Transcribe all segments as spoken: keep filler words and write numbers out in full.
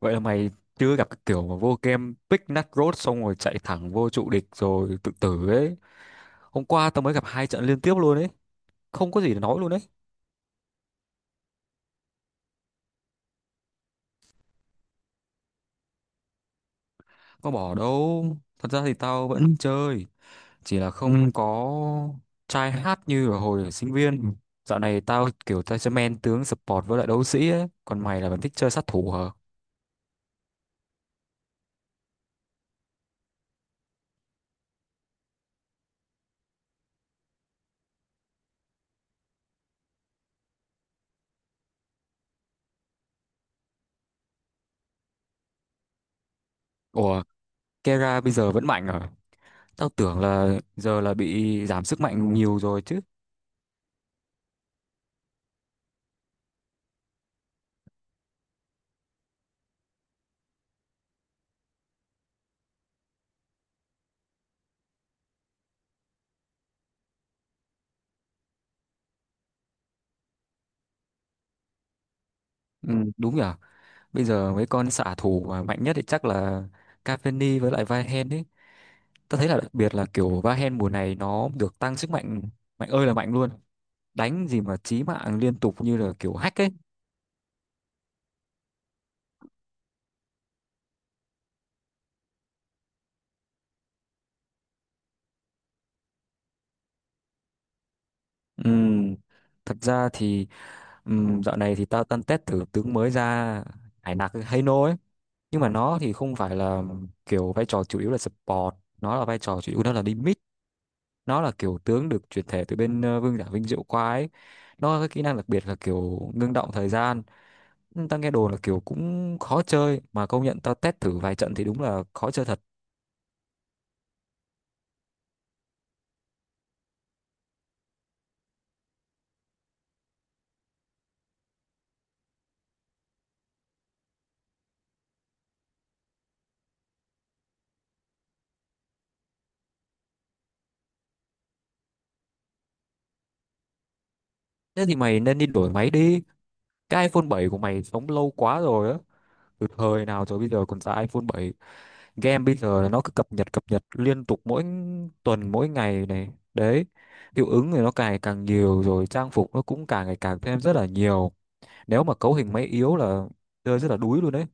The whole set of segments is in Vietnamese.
Vậy là mày chưa gặp cái kiểu mà vô game pick nut road xong rồi chạy thẳng vô trụ địch rồi tự tử ấy. Hôm qua tao mới gặp hai trận liên tiếp luôn ấy. Không có gì để nói luôn ấy. Có bỏ đâu. Thật ra thì tao vẫn chơi. Chỉ là không có try hard như ở hồi ở sinh viên. Dạo này tao kiểu tao sẽ men tướng support với lại đấu sĩ ấy. Còn mày là vẫn thích chơi sát thủ hả? Ủa, Kera bây giờ vẫn mạnh hả? Tao tưởng là giờ là bị giảm sức mạnh nhiều rồi chứ. Ừ, đúng nhỉ? Bây giờ mấy con xạ thủ mà mạnh nhất thì chắc là Cavani với lại vahen ấy. Tôi thấy là đặc biệt là kiểu vahen mùa này nó được tăng sức mạnh, mạnh ơi là mạnh luôn. Đánh gì mà chí mạng liên tục như là kiểu hack ấy. Ừm, Thật ra thì, ừm, dạo này thì tao tân test thử tướng mới ra Hải Nặc Hano ấy. Nhưng mà nó thì không phải là kiểu vai trò chủ yếu là support, nó là vai trò chủ yếu nó là đi mid, nó là kiểu tướng được chuyển thể từ bên ờ, Vương giả Vinh Diệu qua ấy. Nó có cái kỹ năng đặc biệt là kiểu ngưng động thời gian, tao nghe đồn là kiểu cũng khó chơi, mà công nhận tao test thử vài trận thì đúng là khó chơi thật. Thế thì mày nên đi đổi máy đi, cái iPhone bảy của mày sống lâu quá rồi á, từ thời nào rồi bây giờ còn ra iPhone bảy. Game bây giờ là nó cứ cập nhật cập nhật liên tục mỗi tuần mỗi ngày này đấy, hiệu ứng thì nó càng càng nhiều rồi, trang phục nó cũng càng ngày càng thêm rất là nhiều. Nếu mà cấu hình máy yếu là chơi rất là đuối luôn đấy.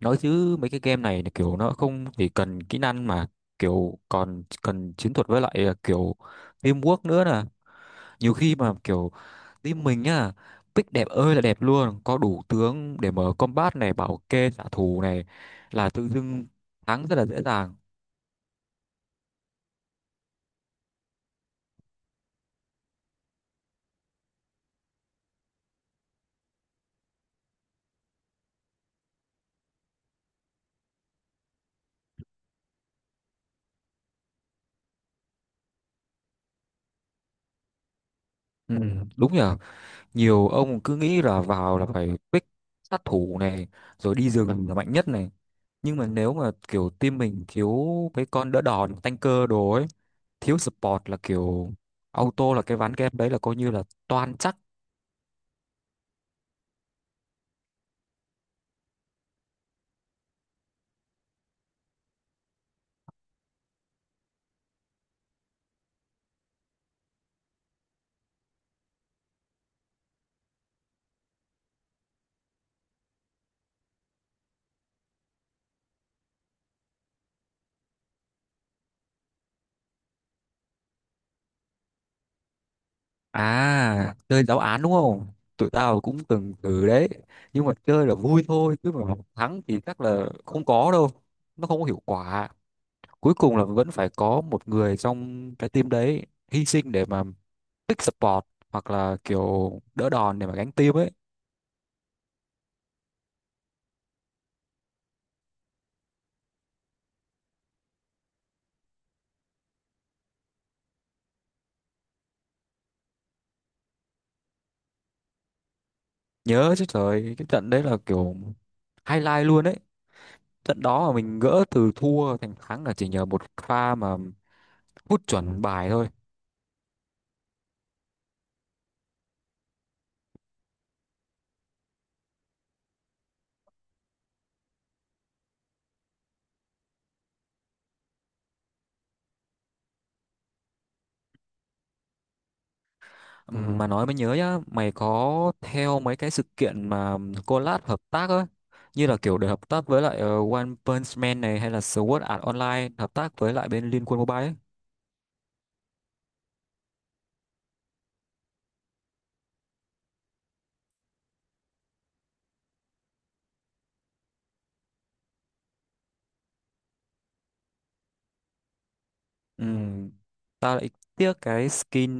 Nói chứ mấy cái game này là kiểu nó không chỉ cần kỹ năng mà kiểu còn cần chiến thuật với lại à, kiểu teamwork nữa nè. Nhiều khi mà kiểu team mình nhá pick đẹp ơi là đẹp luôn, có đủ tướng để mở combat này, bảo kê trả thù này, là tự dưng thắng rất là dễ dàng. Ừ, đúng nhỉ. Nhiều ông cứ nghĩ là vào là phải pick sát thủ này, rồi đi rừng là mạnh nhất này, nhưng mà nếu mà kiểu team mình thiếu cái con đỡ đòn tanker đồ ấy, thiếu support là kiểu auto là cái ván game đấy là coi như là toan chắc. À, chơi giáo án đúng không, tụi tao cũng từng thử đấy, nhưng mà chơi là vui thôi chứ mà thắng thì chắc là không có đâu, nó không có hiệu quả. Cuối cùng là vẫn phải có một người trong cái team đấy hy sinh để mà pick support hoặc là kiểu đỡ đòn để mà gánh team ấy. Nhớ chứ, trời, cái trận đấy là kiểu highlight luôn ấy, trận đó mà mình gỡ từ thua thành thắng là chỉ nhờ một pha mà hút chuẩn bài thôi. Ừm, mà nói mới nhớ nhá, mày có theo mấy cái sự kiện mà collab hợp tác ấy, như là kiểu để hợp tác với lại ờ, One Punch Man này hay là Sword Art Online hợp tác với lại bên Liên Quân Mobile ấy. Ừm, Tao lại tiếc cái skin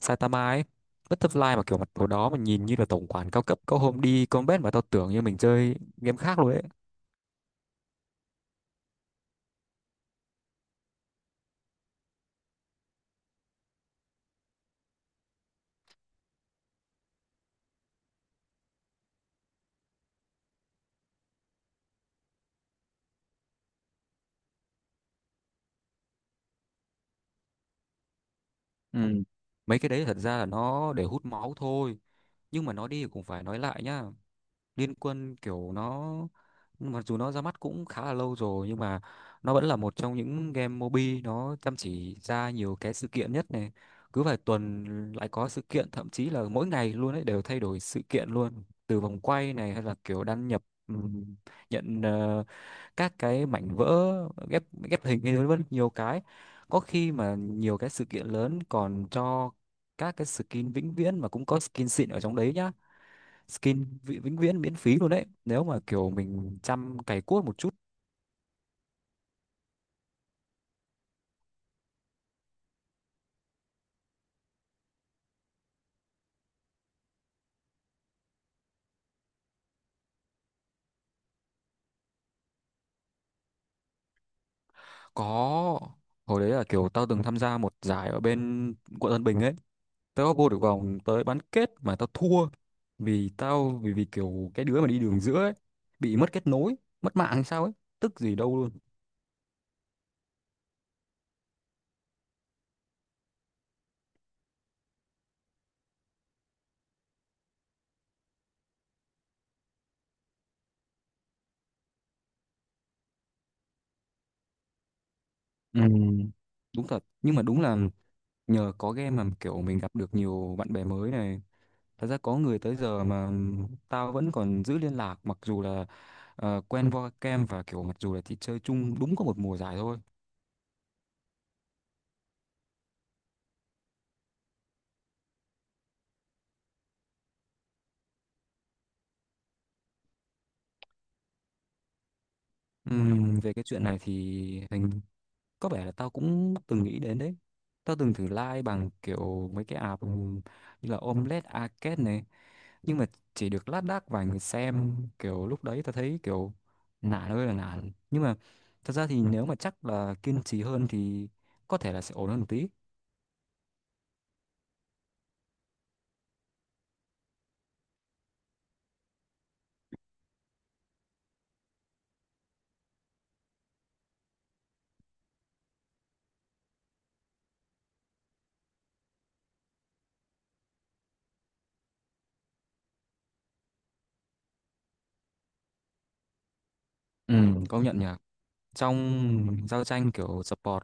Saitama ấy, Butterfly, mà kiểu mặt đồ đó mà nhìn như là tổng quản cao cấp, có hôm đi combat mà tao tưởng như mình chơi game khác luôn ấy. Ừ, mấy cái đấy thật ra là nó để hút máu thôi, nhưng mà nó đi thì cũng phải nói lại nhá. Liên Quân kiểu nó mặc dù nó ra mắt cũng khá là lâu rồi nhưng mà nó vẫn là một trong những game mobi nó chăm chỉ ra nhiều cái sự kiện nhất này. Cứ vài tuần lại có sự kiện, thậm chí là mỗi ngày luôn ấy, đều thay đổi sự kiện luôn, từ vòng quay này hay là kiểu đăng nhập, ừm, nhận, ờ, các cái mảnh vỡ, ghép ghép hình hay vân vân nhiều cái. Có khi mà nhiều cái sự kiện lớn còn cho các cái skin vĩnh viễn mà cũng có skin xịn ở trong đấy nhá, skin vi- vĩnh viễn miễn phí luôn đấy, nếu mà kiểu mình chăm cày cuốc một chút. Có, hồi đấy là kiểu tao từng tham gia một giải ở bên quận Tân Bình ấy. Tao có vô được vòng tới bán kết mà tao thua vì tao, vì vì kiểu cái đứa mà đi đường giữa ấy bị mất kết nối, mất mạng hay sao ấy, tức gì đâu luôn. Ừ, đúng thật, nhưng mà đúng là nhờ có game mà kiểu mình gặp được nhiều bạn bè mới này. Thật ra có người tới giờ mà tao vẫn còn giữ liên lạc, mặc dù là ờ, quen qua kem và kiểu mặc dù là chỉ chơi chung đúng có một mùa giải thôi. Ừm, về cái chuyện này thì hình, có vẻ là tao cũng từng nghĩ đến đấy. Tao từng thử like bằng kiểu mấy cái app như là Omelette Arcade này, nhưng mà chỉ được lác đác vài người xem, kiểu lúc đấy tao thấy kiểu nản ơi là nản, nhưng mà thật ra thì nếu mà chắc là kiên trì hơn thì có thể là sẽ ổn hơn một tí. Ừ, công nhận nhỉ, trong giao tranh kiểu support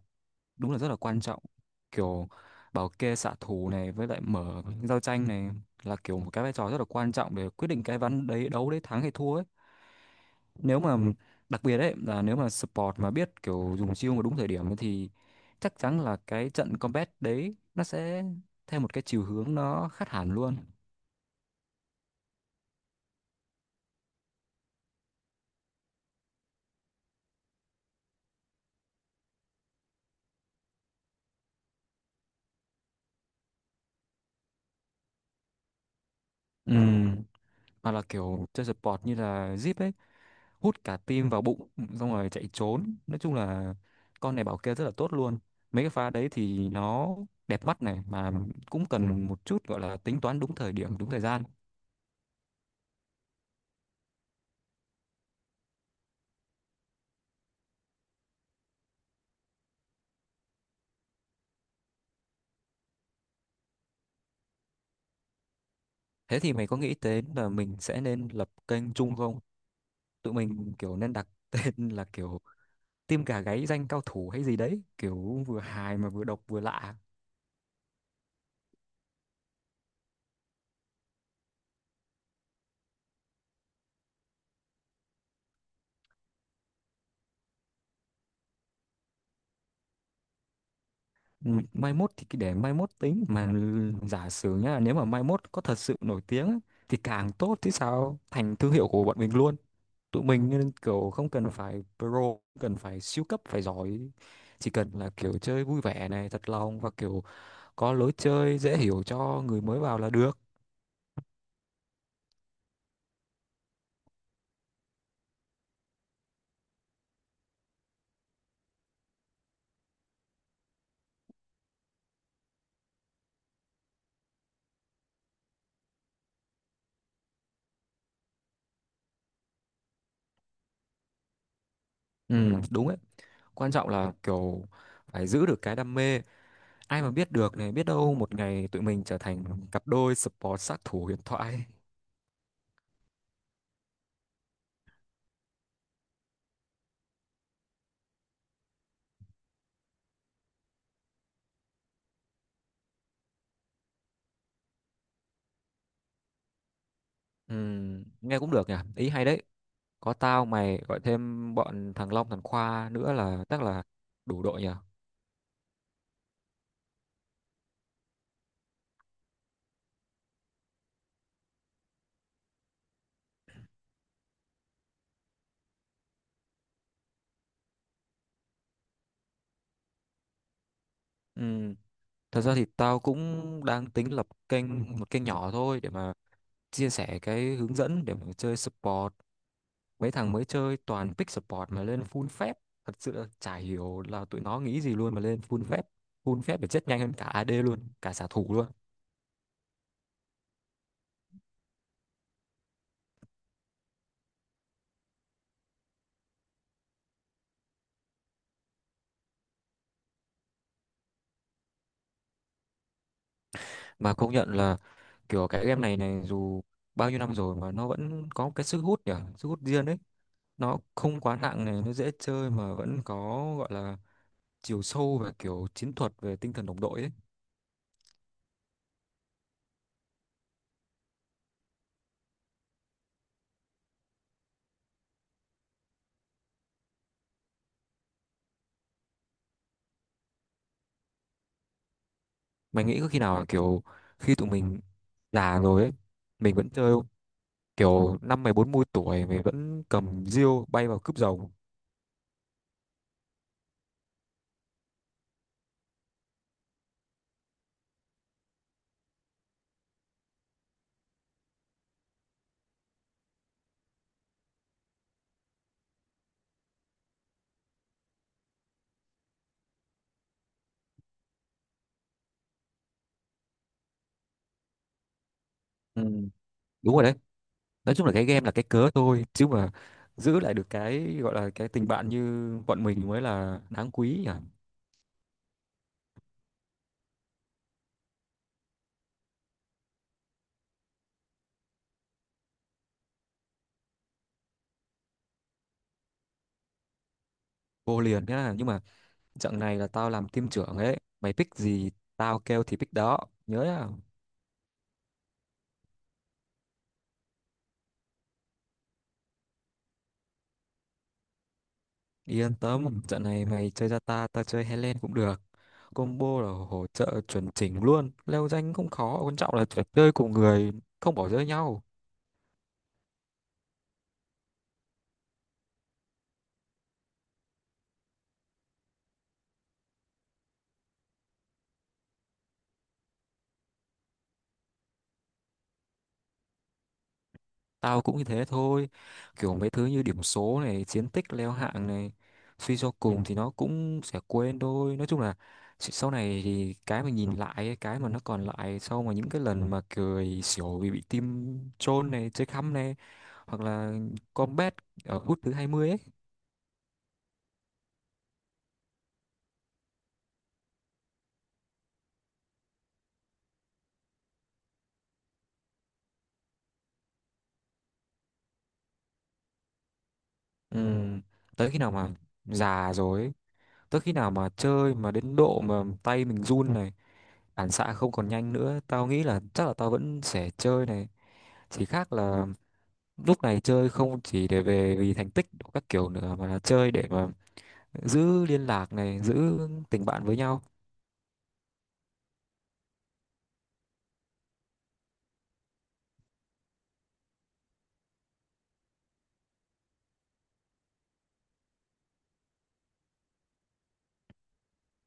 đúng là rất là quan trọng, kiểu bảo kê xạ thủ này với lại mở giao tranh này, là kiểu một cái vai trò rất là quan trọng để quyết định cái ván đấy đấu đấy thắng hay thua ấy. Nếu mà đặc biệt đấy là nếu mà support mà biết kiểu dùng chiêu mà đúng thời điểm ấy thì chắc chắn là cái trận combat đấy nó sẽ theo một cái chiều hướng nó khác hẳn luôn. Ừ, mà là kiểu chơi support như là Zip ấy, hút cả tim vào bụng xong rồi chạy trốn, nói chung là con này bảo kê rất là tốt luôn, mấy cái pha đấy thì nó đẹp mắt này, mà cũng cần một chút gọi là tính toán đúng thời điểm đúng thời gian. Thế thì mày có nghĩ đến là mình sẽ nên lập kênh chung không, tụi mình kiểu nên đặt tên là kiểu tim gà gáy danh cao thủ hay gì đấy, kiểu vừa hài mà vừa độc vừa lạ. Ừ, mai mốt thì cứ để mai mốt tính mà, giả sử nhá, nếu mà mai mốt có thật sự nổi tiếng á, thì càng tốt chứ sao, thành thương hiệu của bọn mình luôn. Tụi mình nên kiểu không cần phải pro, không cần phải siêu cấp phải giỏi, chỉ cần là kiểu chơi vui vẻ này, thật lòng và kiểu có lối chơi dễ hiểu cho người mới vào là được. Ừ, đúng ấy, quan trọng là kiểu phải giữ được cái đam mê, ai mà biết được này, biết đâu một ngày tụi mình trở thành cặp đôi support sát thủ huyền thoại. Ừ, nghe cũng được nhỉ, ý hay đấy, có tao mày gọi thêm bọn thằng Long thằng Khoa nữa là chắc là đủ đội nhỉ. Ừ, thật ra thì tao cũng đang tính lập kênh, một kênh nhỏ thôi, để mà chia sẻ cái hướng dẫn để mà chơi support. Mấy thằng mới chơi toàn pick support mà lên full phép. Thật sự là chả hiểu là tụi nó nghĩ gì luôn mà lên full phép. Full phép để chết nhanh hơn cả a đê luôn, cả xạ thủ luôn. Mà công nhận là kiểu cái game này này dù bao nhiêu năm rồi mà nó vẫn có cái sức hút nhỉ, sức hút riêng ấy. Nó không quá nặng này, nó dễ chơi mà vẫn có gọi là chiều sâu về kiểu chiến thuật, về tinh thần đồng đội ấy. Mày nghĩ có khi nào là kiểu khi tụi mình già rồi ấy mình vẫn chơi không? Kiểu năm mày bốn mươi tuổi mày vẫn cầm diêu bay vào cướp giàu. Ừ, đúng rồi đấy, nói chung là cái game là cái cớ thôi, chứ mà giữ lại được cái gọi là cái tình bạn như bọn mình mới là đáng quý nhỉ. Vô liền nhá, nhưng mà trận này là tao làm team trưởng ấy, mày pick gì tao kêu thì pick đó, nhớ nhá. Yên tâm, trận này mày chơi ra ta, tao chơi Helen cũng được, combo là hỗ trợ chuẩn chỉnh luôn, leo danh không khó, quan trọng là phải chơi cùng người không bỏ rơi nhau. Tao cũng như thế thôi, kiểu mấy thứ như điểm số này, chiến tích leo hạng này, suy cho cùng thì nó cũng sẽ quên thôi. Nói chung là s- sau này thì cái mà nhìn lại ấy, cái mà nó còn lại sau mà những cái lần mà cười xỉu vì bị team troll này, chơi khăm này, hoặc là combat ở phút thứ hai mươi ấy. Ừ, tới khi nào mà già rồi, tới khi nào mà chơi mà đến độ mà tay mình run này, phản xạ không còn nhanh nữa, tao nghĩ là chắc là tao vẫn sẽ chơi này. Chỉ khác là lúc này chơi không chỉ để về vì thành tích của các kiểu nữa, mà là chơi để mà giữ liên lạc này, giữ tình bạn với nhau.